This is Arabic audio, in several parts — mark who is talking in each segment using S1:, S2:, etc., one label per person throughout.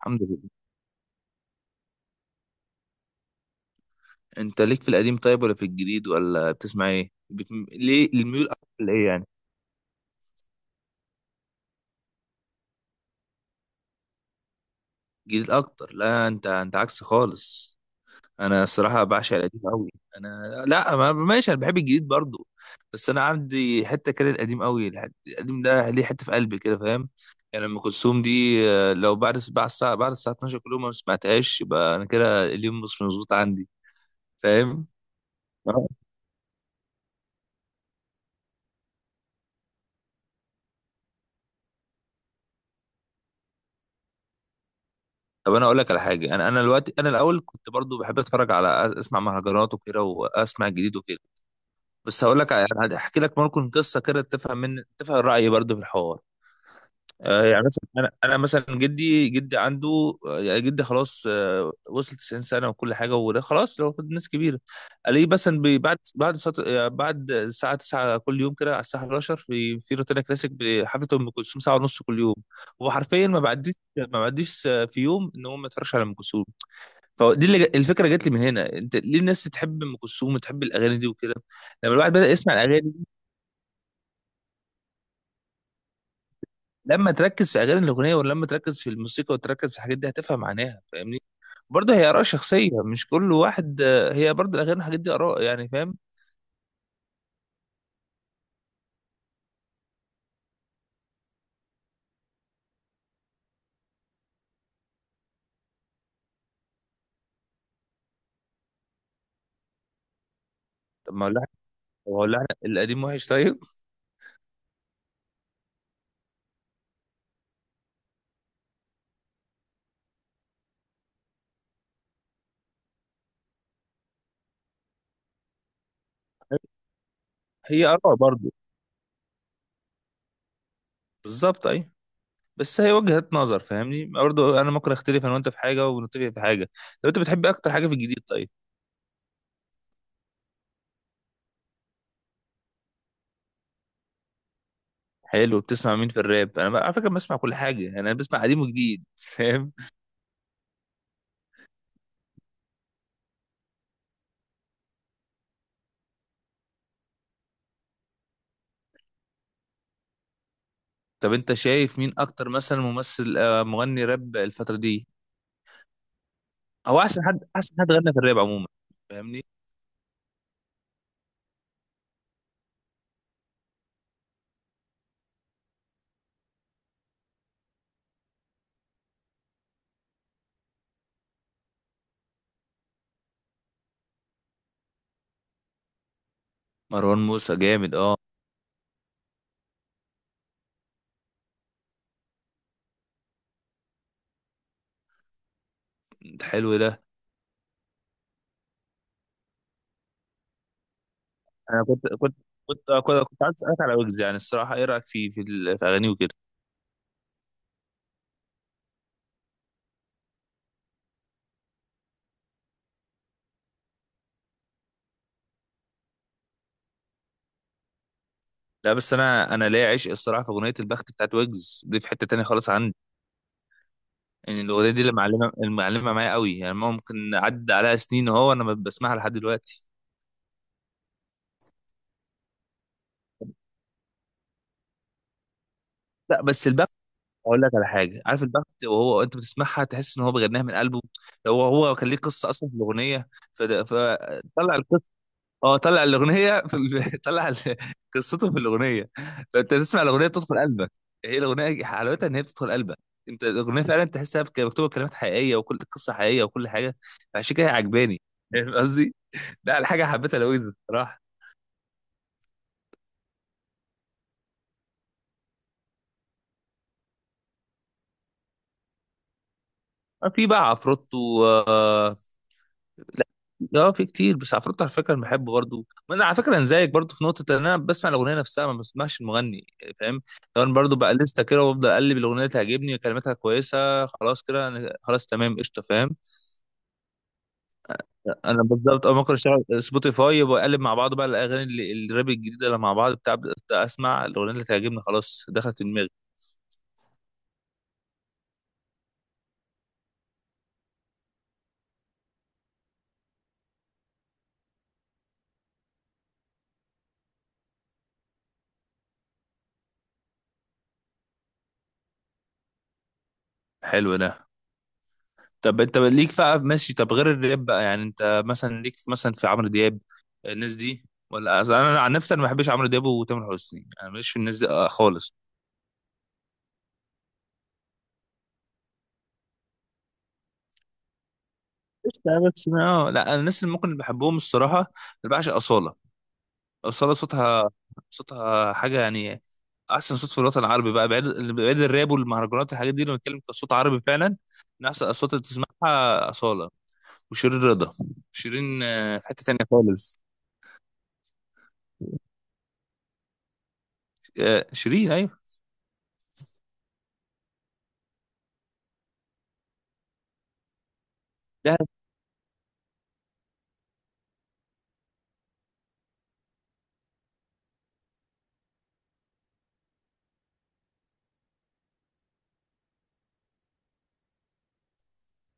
S1: الحمد لله. انت ليك في القديم طيب ولا في الجديد ولا بتسمع ايه؟ ليه الميول اكتر لايه يعني؟ جديد اكتر؟ لا، انت عكس خالص. انا الصراحه بعشق القديم قوي. انا لا، ما... ماشي، انا بحب الجديد برضو، بس انا عندي حته كده القديم قوي. القديم ده ليه حته في قلبي كده، فاهم؟ يعني ام كلثوم دي، آه، لو بعد الساعه 12 كل يوم ما سمعتهاش، يبقى انا كده اليوم مش مظبوط عندي، فاهم؟ طب انا اقول لك على حاجه. انا دلوقتي، انا الاول كنت برضو بحب اتفرج على اسمع مهرجانات وكده، واسمع الجديد وكده. بس يعني هحكي لك ممكن قصه كده تفهم، من تفهم رايي برضو في الحوار. آه، يعني مثلا انا مثلا جدي عنده، آه، يعني جدي خلاص، آه، وصل 90 سنه وكل حاجه، وده خلاص لو ناس كبيره. الاقيه مثلا يعني بعد الساعه 9 كل يوم كده، على الساعه 11 في روتانا كلاسيك بحفله ام كلثوم ساعه ونص كل يوم. هو حرفيا ما بعديش، آه، في يوم ان هو ما يتفرجش على ام كلثوم. فدي اللي، الفكره جت لي من هنا. انت ليه الناس تحب ام كلثوم وتحب الاغاني دي وكده؟ لما الواحد بدا يسمع الاغاني، لما تركز في الاغنيه، ولا لما تركز في الموسيقى وتركز في الحاجات دي، هتفهم معناها، فاهمني؟ برضه هي اراء شخصيه، مش كل واحد، آه، هي برضه الاغاني والحاجات دي اراء، يعني فاهم. طب ما هو اللحن؟ طب ما هو اللحن القديم وحش طيب؟ هي اراء برضه. بالظبط اي. بس هي وجهات نظر، فاهمني؟ برضه انا ممكن اختلف انا وانت في حاجه، ونتفق في حاجه. طب انت بتحب اكتر حاجه في الجديد طيب؟ حلو، بتسمع مين في الراب؟ على فكره بسمع كل حاجه، يعني انا بسمع قديم وجديد طب انت شايف مين اكتر، مثلا ممثل، آه، مغني راب الفتره دي؟ هو احسن حد غنى في الراب عموما؟ فاهمني. مروان موسى جامد، اه. ده حلو ده. انا كنت عايز اسالك على ويجز. يعني الصراحه ايه رايك في اغانيه وكده؟ لا، بس انا ليا عشق الصراحه في اغنيه البخت بتاعت ويجز دي، في حته تانية خالص عندي. يعني الاغنيه دي اللي المعلمه معايا قوي، يعني ممكن عدى عليها سنين اهو، انا بسمعها لحد دلوقتي. لا بس البخت. اقول لك على حاجه. عارف البخت؟ وهو انت بتسمعها تحس ان هو بيغنيها من قلبه. لو هو كان ليه قصه اصلا في الاغنيه. فطلع القصه. اه، طلع الاغنيه قصته في الاغنيه. فانت تسمع الاغنيه تدخل قلبك. هي الاغنيه حلاوتها ان هي بتدخل قلبك. انت الاغنيه فعلا تحسها، مكتوبه كلمات حقيقيه، وكل قصه حقيقيه، وكل حاجه. فعشان كده هي عجباني. فاهم قصدي؟ ده على حاجه حبيتها لويز، بصراحه. في بقى عفروتو، آه. لا اه، في كتير، بس عفروتو على فكره انا بحبه برضه. ما انا على فكره انا زيك برضه في نقطه، ان انا بسمع الاغنيه نفسها، ما بسمعش المغني، فاهم؟ لو انا برضه بقى لسه كده، وبفضل اقلب الاغنيه، تعجبني كلماتها كويسه، خلاص كده أنا خلاص تمام قشطه، فاهم؟ انا بالظبط اه، ممكن اشتغل سبوتيفاي وبقلب مع بعض بقى الاغاني الراب الجديده اللي مع بعض بتاع، أبدأ اسمع الاغنيه اللي تعجبني، خلاص دخلت دماغي. حلو ده. طب انت ليك بقى ماشي، طب غير الراب بقى؟ يعني انت مثلا ليك مثلا في عمرو دياب، الناس دي؟ ولا أصل انا عن نفسي انا ما بحبش عمرو دياب وتامر حسني، انا ماليش في الناس دي آه، خالص. بس بس ما، لا، انا الناس اللي ممكن اللي بحبهم الصراحه، اللي بعشق اصاله. اصاله صوتها، صوتها حاجه يعني، احسن صوت في الوطن العربي، بقى بعيد. بعيد الراب والمهرجانات، الحاجات دي لما بنتكلم كصوت عربي فعلا. من احسن الاصوات اللي تسمعها اصاله، وشيرين رضا. شيرين، آه، حته تانيه خالص. آه، شيرين ايوه.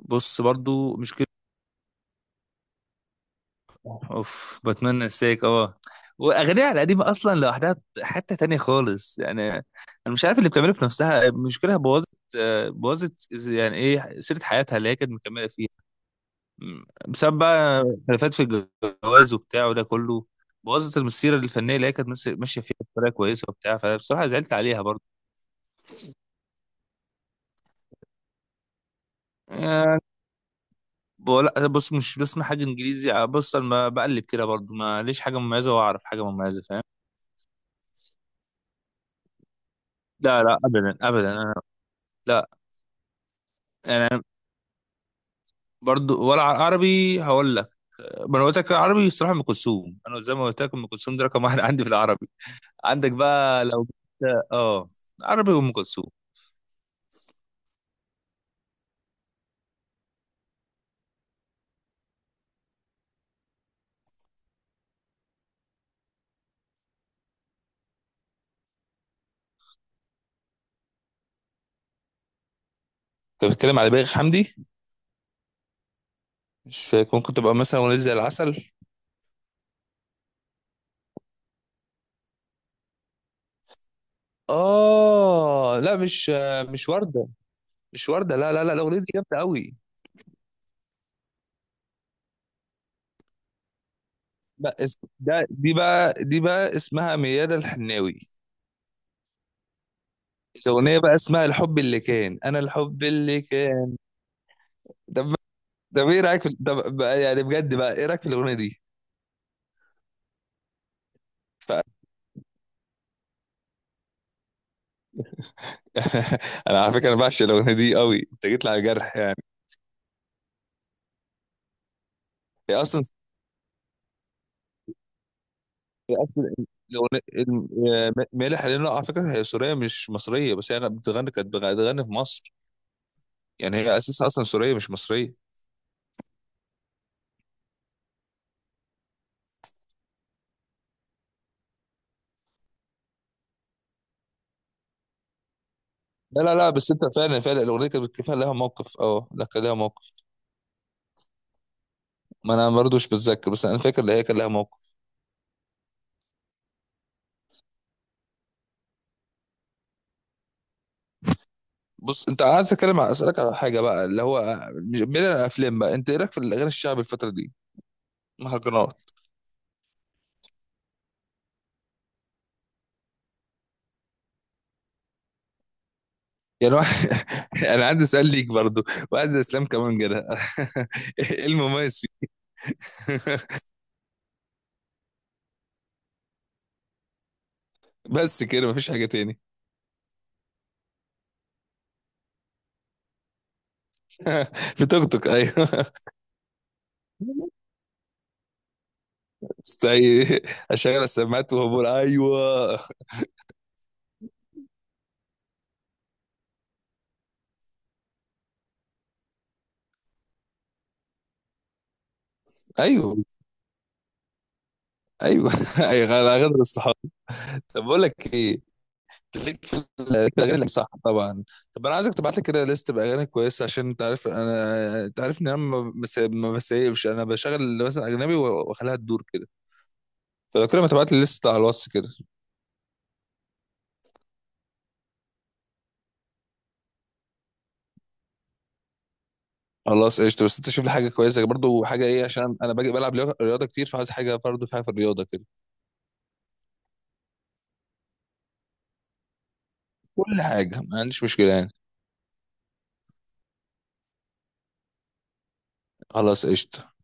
S1: بص برضو مش كده. اوف، بتمنى انساك، اه. واغانيها القديمه اصلا لوحدها حته تانية خالص. يعني انا مش عارف اللي بتعمله في نفسها مشكلة، بوظت، آه، يعني ايه سيره حياتها اللي هي كانت مكمله فيها. بسبب بقى خلافات في الجواز وبتاع وده كله. بوظت المسيره الفنيه اللي هي كانت ماشيه فيها بطريقه كويسه وبتاع. فبصراحه زعلت عليها برضو. يعني لا، بص، مش بسمع حاجه انجليزي، آه، بص انا ما بقلب كده برضو، ما ليش حاجه مميزه واعرف حاجه مميزه، فاهم؟ لا لا، ابدا ابدا. لا يعني أنا برضو، ولا عربي هقول لك. ما انا قلت لك عربي الصراحه، ام كلثوم. انا زي ما قلت لك ام كلثوم دي رقم واحد عندي في العربي. عندك بقى لو، اه، عربي، وام كلثوم. كنت بتتكلم على بليغ حمدي. مش فاكر، ممكن تبقى مثلا اغنيه زي العسل؟ اه لا، مش، مش ورده. مش ورده، لا لا لا، الاغنيه دي جامده قوي. لا ده دي بقى اسمها ميادة الحناوي. الاغنيه بقى اسمها الحب اللي كان، انا الحب اللي كان، ده. طب ايه رايك يعني بجد بقى، ايه رايك في الاغنيه دي؟ ف... انا على فكره انا بعشق الاغنيه دي قوي، انت جيت لي على جرح يعني. هي اصلا هي اصلا الاغنيه مالح، لانه على فكره هي سوريه مش مصريه، بس هي كانت بتغني في مصر. يعني هي اساسا اصلا سوريه مش مصريه. لا لا لا، بس انت فعلا فعلا الاغنيه كانت كفايه لها موقف، اه لا، كان لها موقف. ما انا برضه مش بتذكر، بس انا فاكر ان هي كان لها موقف. بص، انت عايز اتكلم على اسالك على حاجه بقى، اللي هو بعيد عن الافلام بقى، انت ايه رايك في الاغاني الشعبي الفتره دي؟ مهرجانات. يعني واحد انا عندي سؤال ليك برضو. واحد زي اسلام كمان كده ايه المميز فيه؟ بس كده، مفيش حاجه تاني. في توك توك، ايوه استعي اشغل السماعات، وهو بقول ايوه؟ ايوه، ايوه ايوه، على غدر الصحاب. طب بقول لك ايه، ليك في الاغاني، صح طبعا؟ طب انا عايزك تبعت لي كده ليست باغاني كويسه، عشان انت عارف انا، انت عارف ان انا ما ما بسيبش، انا بشغل مثلا اجنبي واخليها تدور كده. فلو كده ما تبعت لي ليست على الواتس كده. خلاص قشطة، بس انت شوف لي حاجة كويسة برضو، حاجة ايه؟ عشان انا باجي بلعب رياضة رياضة كتير، فعايز حاجة برضو فيها في الرياضة كده. كل حاجة ما عنديش مشكلة يعني. خلاص قشطة.